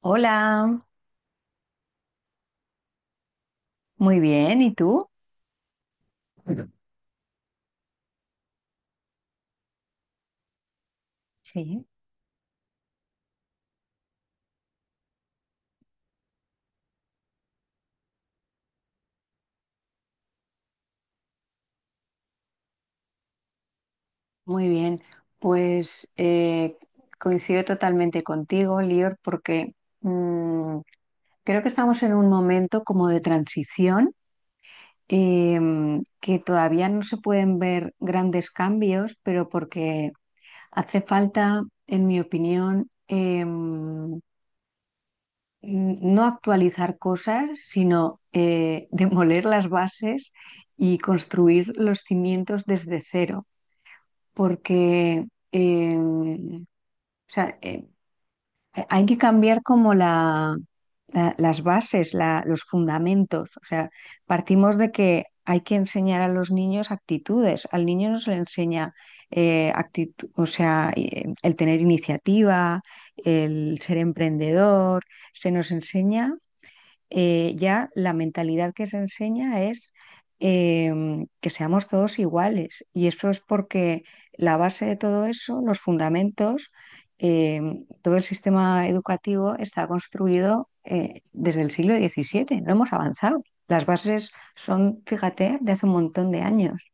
Hola, muy bien, ¿y tú? Sí. Muy bien, pues Coincido totalmente contigo, Lior, porque mm, creo que estamos en un momento como de transición, que todavía no se pueden ver grandes cambios, pero porque hace falta, en mi opinión, no actualizar cosas, sino demoler las bases y construir los cimientos desde cero, porque eh, o sea, eh, hay que cambiar como las bases, los fundamentos. O sea, partimos de que hay que enseñar a los niños actitudes. Al niño no se le enseña actitud, el tener iniciativa, el ser emprendedor se nos enseña. Ya la mentalidad que se enseña es que seamos todos iguales. Y eso es porque la base de todo eso, los fundamentos, todo el sistema educativo está construido desde el siglo XVII. No hemos avanzado. Las bases son, fíjate, de hace un montón de años.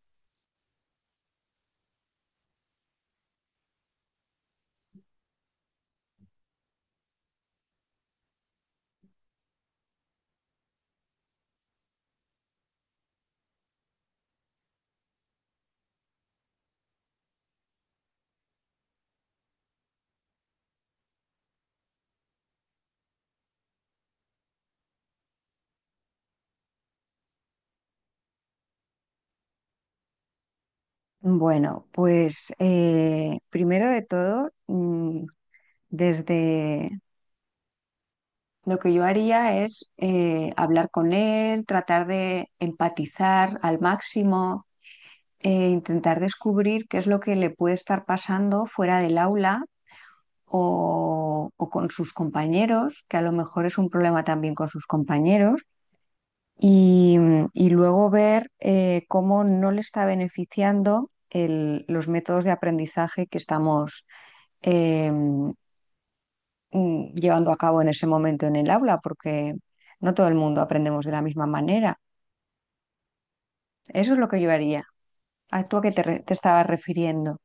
Bueno, pues primero de todo, mm, desde lo que yo haría es hablar con él, tratar de empatizar al máximo, intentar descubrir qué es lo que le puede estar pasando fuera del aula o con sus compañeros, que a lo mejor es un problema también con sus compañeros, y, y luego ver cómo no le está beneficiando los métodos de aprendizaje que estamos em, llevando a cabo en ese momento en el aula, porque no todo el mundo aprendemos de la misma manera. Eso es lo que yo haría. ¿A tú a qué te, te estabas refiriendo?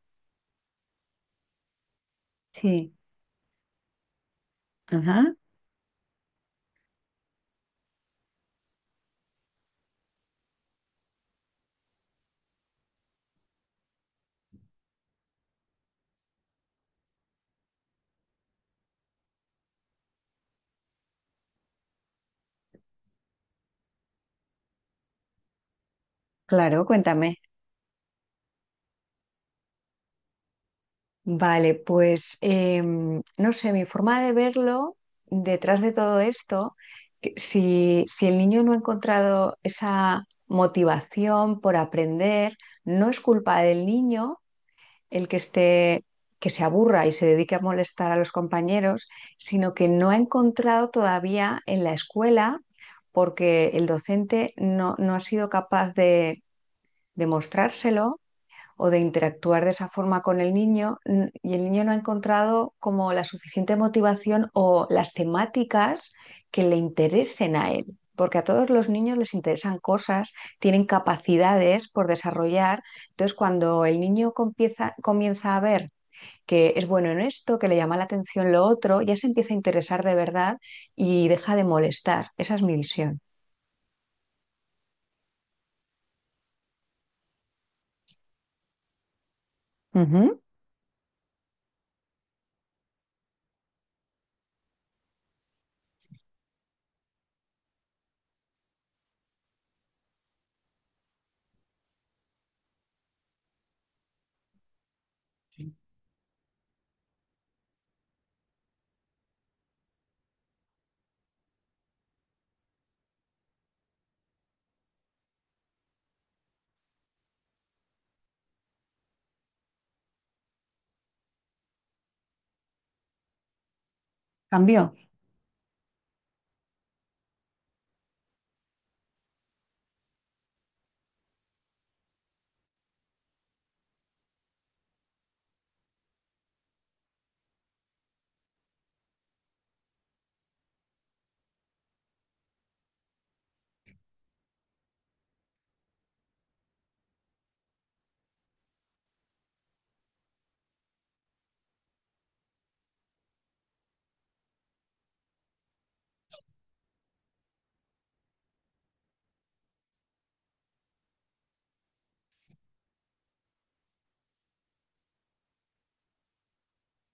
Sí. Ajá. Claro, cuéntame. Vale, pues no sé, mi forma de verlo detrás de todo esto, que si el niño no ha encontrado esa motivación por aprender, no es culpa del niño, el que esté, que se aburra y se dedique a molestar a los compañeros, sino que no ha encontrado todavía en la escuela, porque el docente no ha sido capaz de demostrárselo o de interactuar de esa forma con el niño y el niño no ha encontrado como la suficiente motivación o las temáticas que le interesen a él. Porque a todos los niños les interesan cosas, tienen capacidades por desarrollar. Entonces, cuando el niño comienza a ver que es bueno en esto, que le llama la atención lo otro, ya se empieza a interesar de verdad y deja de molestar. Esa es mi visión. Ujú. Cambio.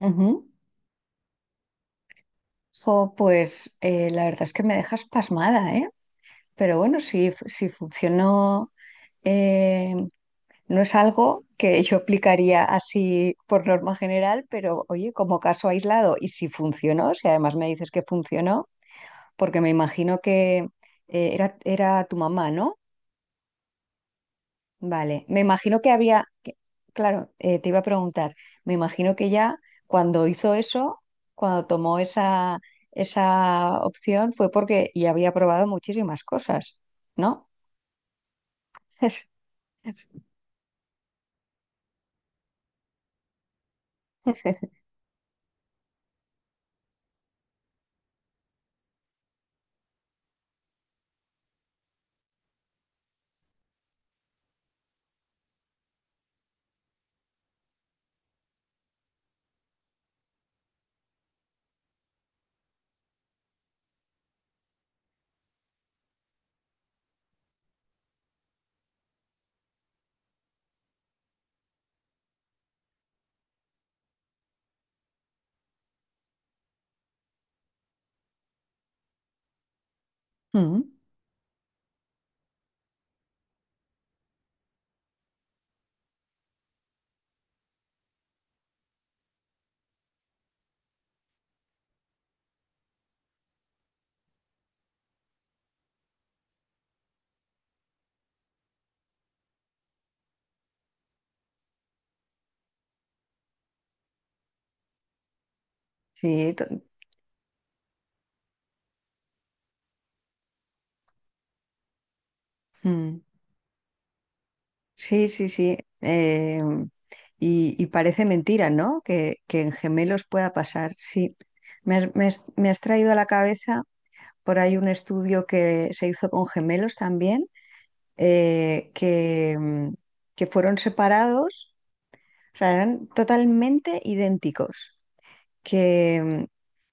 Ujú. Jo, pues la verdad es que me dejas pasmada, ¿eh? Pero bueno, si funcionó, eh, no es algo que yo aplicaría así por norma general, pero oye, como caso aislado, y si funcionó, si además me dices que funcionó, porque me imagino que era tu mamá, ¿no? Vale, me imagino que había, claro, te iba a preguntar, me imagino que ya cuando hizo eso, cuando tomó esa, esa opción, fue porque ya había probado muchísimas cosas, ¿no? Mm, Sí, to- mm, sí, sí, sí. Y parece mentira, ¿no? Que en gemelos pueda pasar. Sí, me has traído a la cabeza por ahí un estudio que se hizo con gemelos también, eh, que, mm, que fueron separados, o sea, eran totalmente idénticos. Que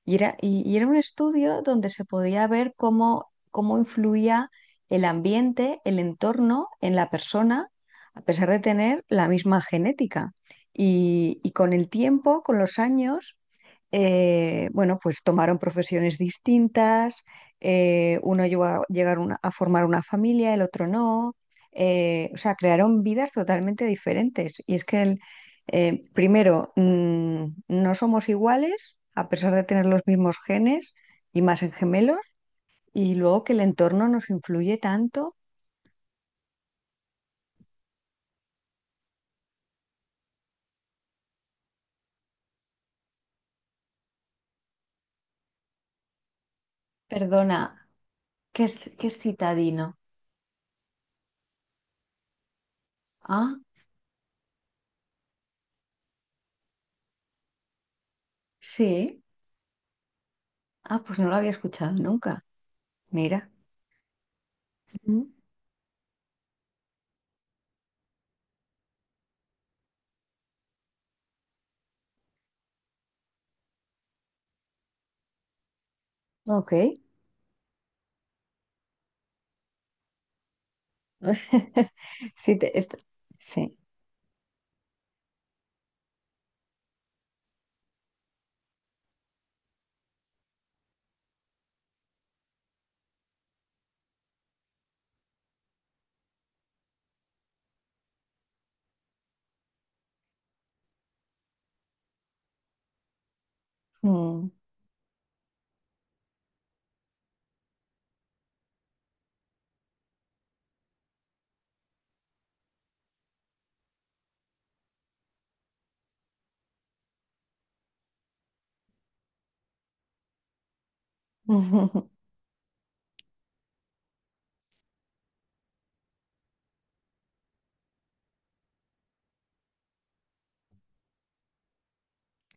y era, y, Y era un estudio donde se podía ver cómo, cómo influía el ambiente, el entorno en la persona, a pesar de tener la misma genética. Y con el tiempo, con los años, bueno, pues tomaron profesiones distintas, uno llegó a llegar a formar una familia, el otro no. Crearon vidas totalmente diferentes. Y es que, primero, no somos iguales, a pesar de tener los mismos genes y más en gemelos, y luego que el entorno nos influye tanto. Perdona, ¿qué es citadino? Ah, sí, ah, pues no lo había escuchado nunca. Mira. Ujú. Ok. Sí, te- est- sí. Mm.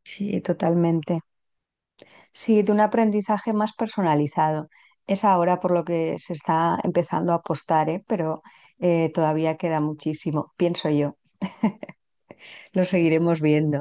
Sí, totalmente. Sí, de un aprendizaje más personalizado. Es ahora por lo que se está empezando a apostar, ¿eh? Pero todavía queda muchísimo, pienso yo. Lo seguiremos viendo.